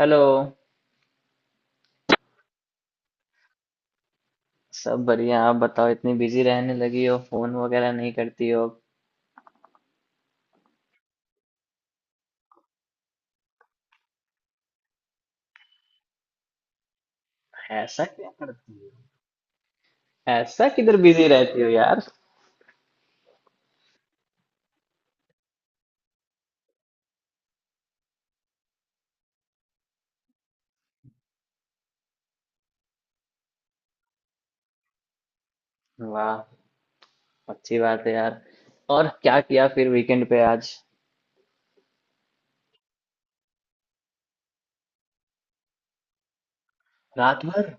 Hello. सब बढ़िया, आप बताओ। इतनी बिजी रहने लगी हो, फोन वगैरह नहीं करती हो। ऐसा क्या करती है, ऐसा किधर बिजी रहती हो यार। वाह, अच्छी बात है यार। और क्या किया फिर वीकेंड पे आज? रात भर?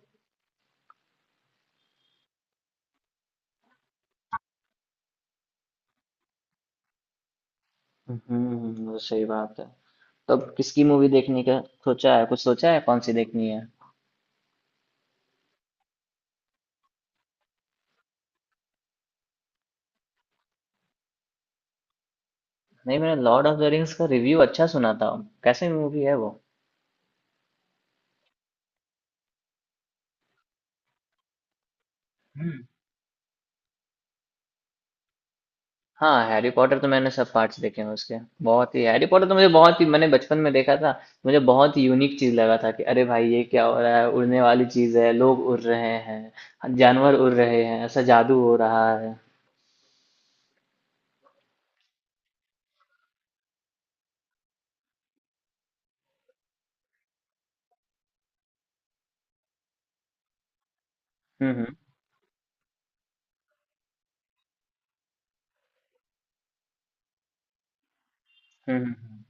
हम्म, वो सही बात है। तो अब किसकी मूवी देखने का सोचा है, कुछ सोचा है कौन सी देखनी है? नहीं, मैंने लॉर्ड ऑफ द रिंग्स का रिव्यू अच्छा सुना था। कैसी मूवी है वो? हाँ, हैरी पॉटर तो मैंने सब पार्ट्स देखे हैं उसके। बहुत ही हैरी पॉटर तो मुझे बहुत ही मैंने बचपन में देखा था। मुझे बहुत ही यूनिक चीज लगा था कि अरे भाई, ये क्या हो रहा है? उड़ने वाली चीज है, लोग उड़ रहे हैं, जानवर उड़ रहे हैं, ऐसा जादू हो रहा है। हम्म, हम्म। हम्म, हम्म।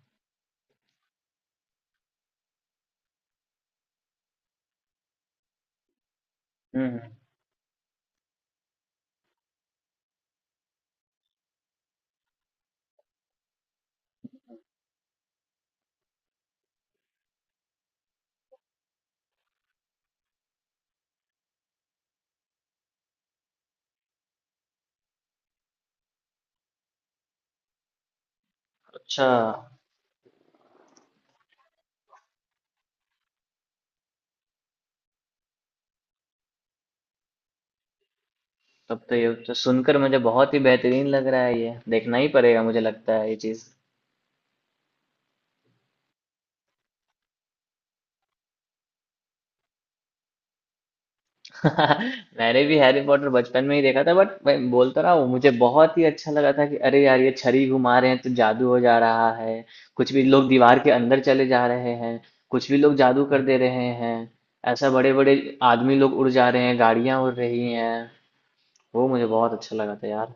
हम्म, हम्म। अच्छा, तब तो ये तो सुनकर मुझे बहुत ही बेहतरीन लग रहा है। ये देखना ही पड़ेगा मुझे लगता है ये चीज। मैंने भी हैरी पॉटर बचपन में ही देखा था बट मैं बोल तो रहा हूँ मुझे बहुत ही अच्छा लगा था कि अरे यार, ये छड़ी घुमा रहे हैं तो जादू हो जा रहा है। कुछ भी लोग दीवार के अंदर चले जा रहे हैं। कुछ भी लोग जादू कर दे रहे हैं। ऐसा बड़े बड़े आदमी लोग उड़ जा रहे हैं, गाड़ियां उड़ रही हैं। वो मुझे बहुत अच्छा लगा था यार।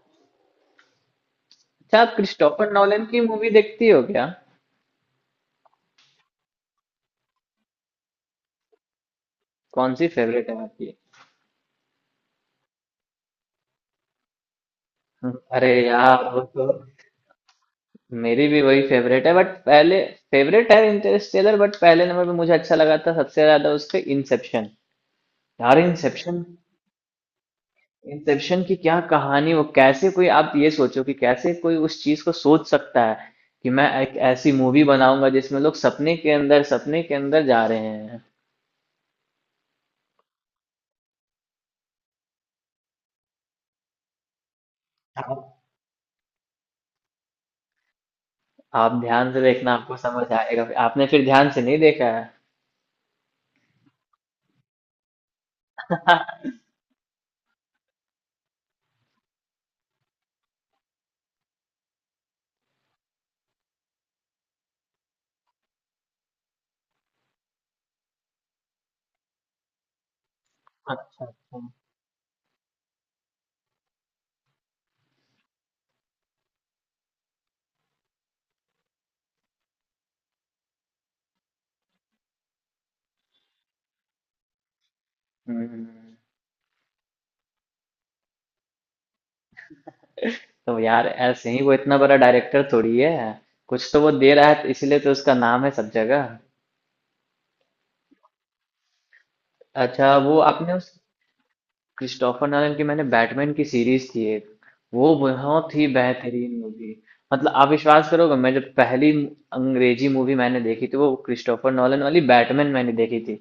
अच्छा, आप क्रिस्टोफर नॉलन की मूवी देखती हो क्या? कौन सी फेवरेट है आपकी? अरे यार, वो तो मेरी भी वही फेवरेट है बट पहले फेवरेट है इंटरस्टेलर। बट पहले नंबर पे मुझे अच्छा लगा था सबसे ज्यादा उसके इंसेप्शन। यार इंसेप्शन, इंसेप्शन की क्या कहानी! वो कैसे कोई, आप ये सोचो कि कैसे कोई उस चीज को सोच सकता है कि मैं एक ऐसी मूवी बनाऊंगा जिसमें लोग सपने के अंदर जा रहे हैं। आप, आप ध्यान से देखना, आपको समझ आएगा। आपने फिर ध्यान से नहीं देखा है। अच्छा, अच्छा। हम्म। तो यार ऐसे ही वो इतना बड़ा डायरेक्टर थोड़ी है। कुछ तो वो दे रहा है तो इसीलिए तो उसका नाम है सब जगह। अच्छा, वो आपने उस क्रिस्टोफर नॉलन की, मैंने बैटमैन की सीरीज थी एक, वो बहुत ही बेहतरीन मूवी। मतलब आप विश्वास करोगे, मैं जब पहली अंग्रेजी मूवी मैंने देखी थी, वो क्रिस्टोफर नॉलन वाली बैटमैन मैंने देखी थी।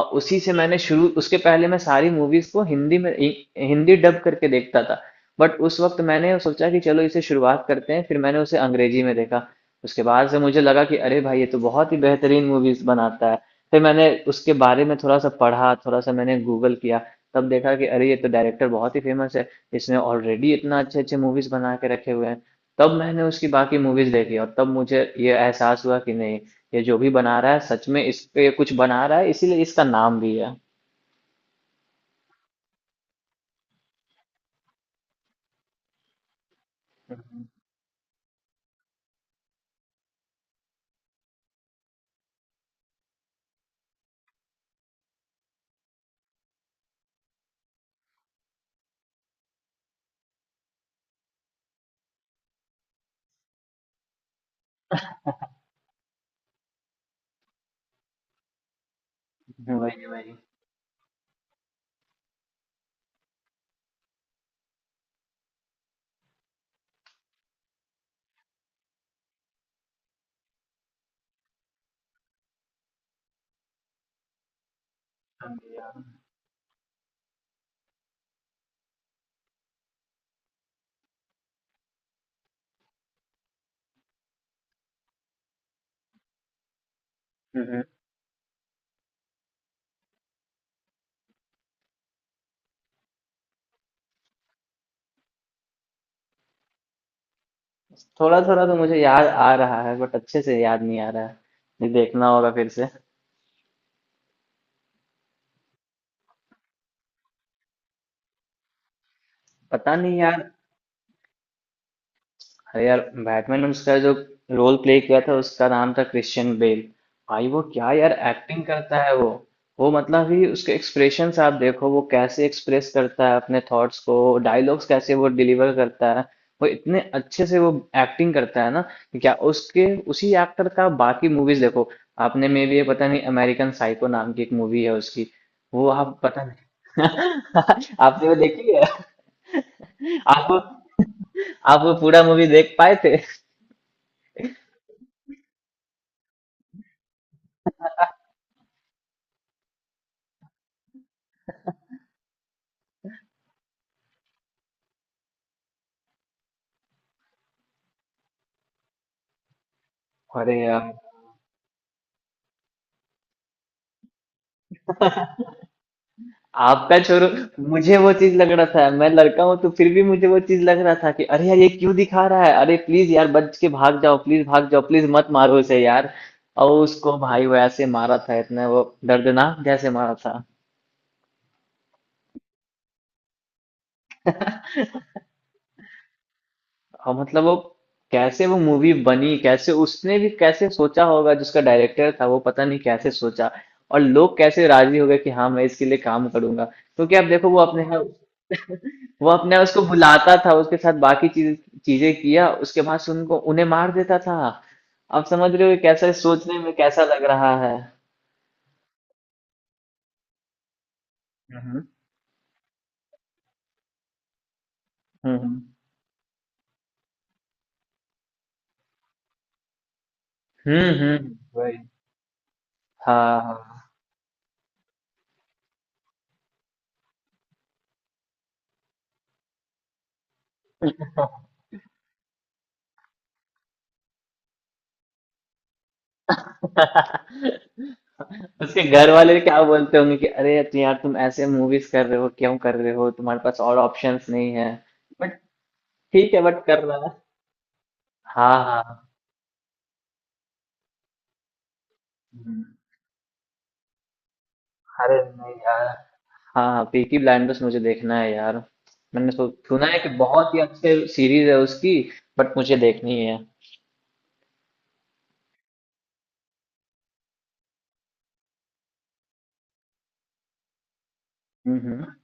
और उसी से मैंने शुरू, उसके पहले मैं सारी मूवीज को हिंदी में हिंदी डब करके देखता था। बट उस वक्त मैंने सोचा कि चलो इसे शुरुआत करते हैं, फिर मैंने उसे अंग्रेजी में देखा। उसके बाद से मुझे लगा कि अरे भाई, ये तो बहुत ही बेहतरीन मूवीज बनाता है। फिर मैंने उसके बारे में थोड़ा सा पढ़ा, थोड़ा सा मैंने गूगल किया। तब देखा कि अरे, ये तो डायरेक्टर बहुत ही फेमस है। इसने ऑलरेडी इतना अच्छे अच्छे मूवीज बना के रखे हुए हैं। तब मैंने उसकी बाकी मूवीज देखी और तब मुझे ये एहसास हुआ कि नहीं, ये जो भी बना रहा है सच में इस पे कुछ बना रहा है, इसीलिए इसका नाम भी है। वही, वही। हम्म। थोड़ा थोड़ा तो मुझे याद आ रहा है बट अच्छे से याद नहीं आ रहा है। ये देखना होगा फिर से। पता नहीं यार। अरे यार, बैटमैन में उसका जो रोल प्ले किया था, उसका नाम था क्रिश्चियन बेल। भाई वो क्या यार एक्टिंग करता है वो। वो मतलब ही, उसके एक्सप्रेशंस आप देखो, वो कैसे एक्सप्रेस करता है अपने थॉट्स को, डायलॉग्स कैसे वो डिलीवर करता है। वो इतने अच्छे से वो एक्टिंग करता है ना कि क्या उसके। उसी एक्टर का बाकी मूवीज देखो आपने, मे भी ये पता नहीं, अमेरिकन साइको नाम की एक मूवी है उसकी। वो आप, पता नहीं आपने वो देखी है? आप वो- आप वो पूरा मूवी देख पाए थे? अरे यार, आपका छोरू। मुझे वो चीज लग रहा था, मैं लड़का हूं तो फिर भी मुझे वो चीज लग रहा था कि अरे यार, ये क्यों दिखा रहा है? अरे प्लीज यार, बच के भाग जाओ प्लीज, भाग जाओ प्लीज, मत मारो उसे यार। और उसको भाई वो ऐसे मारा था, इतना वो दर्दनाक जैसे मारा था। और मतलब वो कैसे वो मूवी बनी, कैसे उसने भी कैसे सोचा होगा, जिसका डायरेक्टर था वो पता नहीं कैसे सोचा। और लोग कैसे राजी हो गए कि हाँ मैं इसके लिए काम करूंगा, क्योंकि आप देखो वो अपने, वो अपने उसको बुलाता था उसके साथ बाकी चीजें किया, उसके बाद सुन को उन्हें मार देता था। आप समझ रहे हो ये कैसा, सोचने में कैसा लग रहा है। हम्म, हम्म। हम्म, हम्म। वही। हाँ, हाँ। उसके घर वाले क्या बोलते होंगे कि अरे यार, तुम ऐसे मूवीज कर रहे हो, क्यों कर रहे हो, तुम्हारे पास और ऑप्शंस नहीं है? बट ठीक है, बट कर रहा है। हाँ, हाँ। हम्म। अरे नहीं यार, हाँ, पीकी ब्लाइंडर्स मुझे देखना है यार। मैंने सुना है कि बहुत ही अच्छे सीरीज है उसकी। बट मुझे देखनी है। हम्म,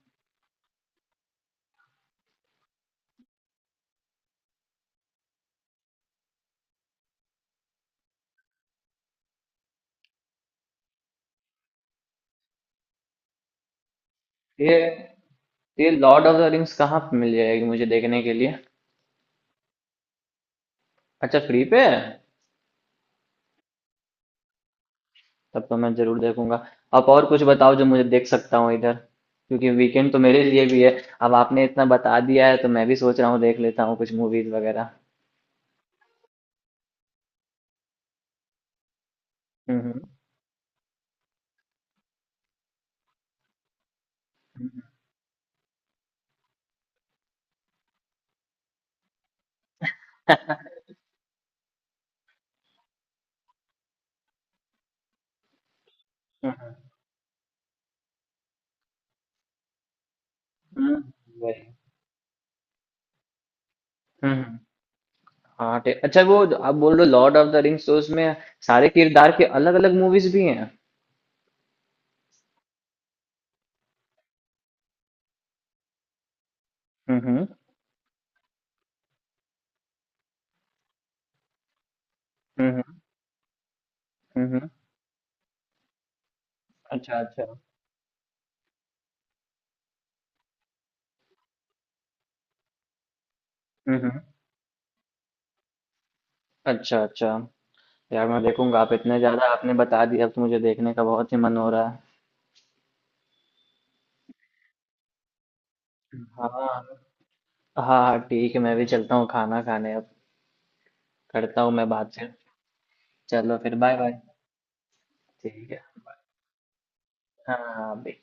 ये ये लॉर्ड ऑफ द रिंग्स कहाँ पे मिल जाएगी मुझे देखने के लिए? अच्छा, फ्री पे है? तब तो मैं जरूर देखूंगा। आप और कुछ बताओ जो मुझे देख सकता हूँ इधर, क्योंकि वीकेंड तो मेरे लिए भी है। अब आपने इतना बता दिया है तो मैं भी सोच रहा हूँ देख लेता हूँ कुछ मूवीज वगैरह। हम्म। हम्म, हम्म। वही। हम्म। हाँ ठीक, अच्छा वो आप बोल रहे हो लॉर्ड ऑफ द रिंग्स, तो उसमें सारे किरदार के अलग अलग मूवीज भी हैं? हम्म, हम्म। हम्म, हम्म। अच्छा, अच्छा। हम्म, हम्म। अच्छा, अच्छा। यार मैं देखूंगा, आप इतने ज्यादा आपने बता दिया, अब तो मुझे देखने का बहुत ही मन हो रहा है। हाँ, हाँ ठीक है, मैं भी चलता हूँ खाना खाने अब। करता हूँ मैं बात फिर। चलो फिर, बाय बाय। ठीक है। हाँ, अभी।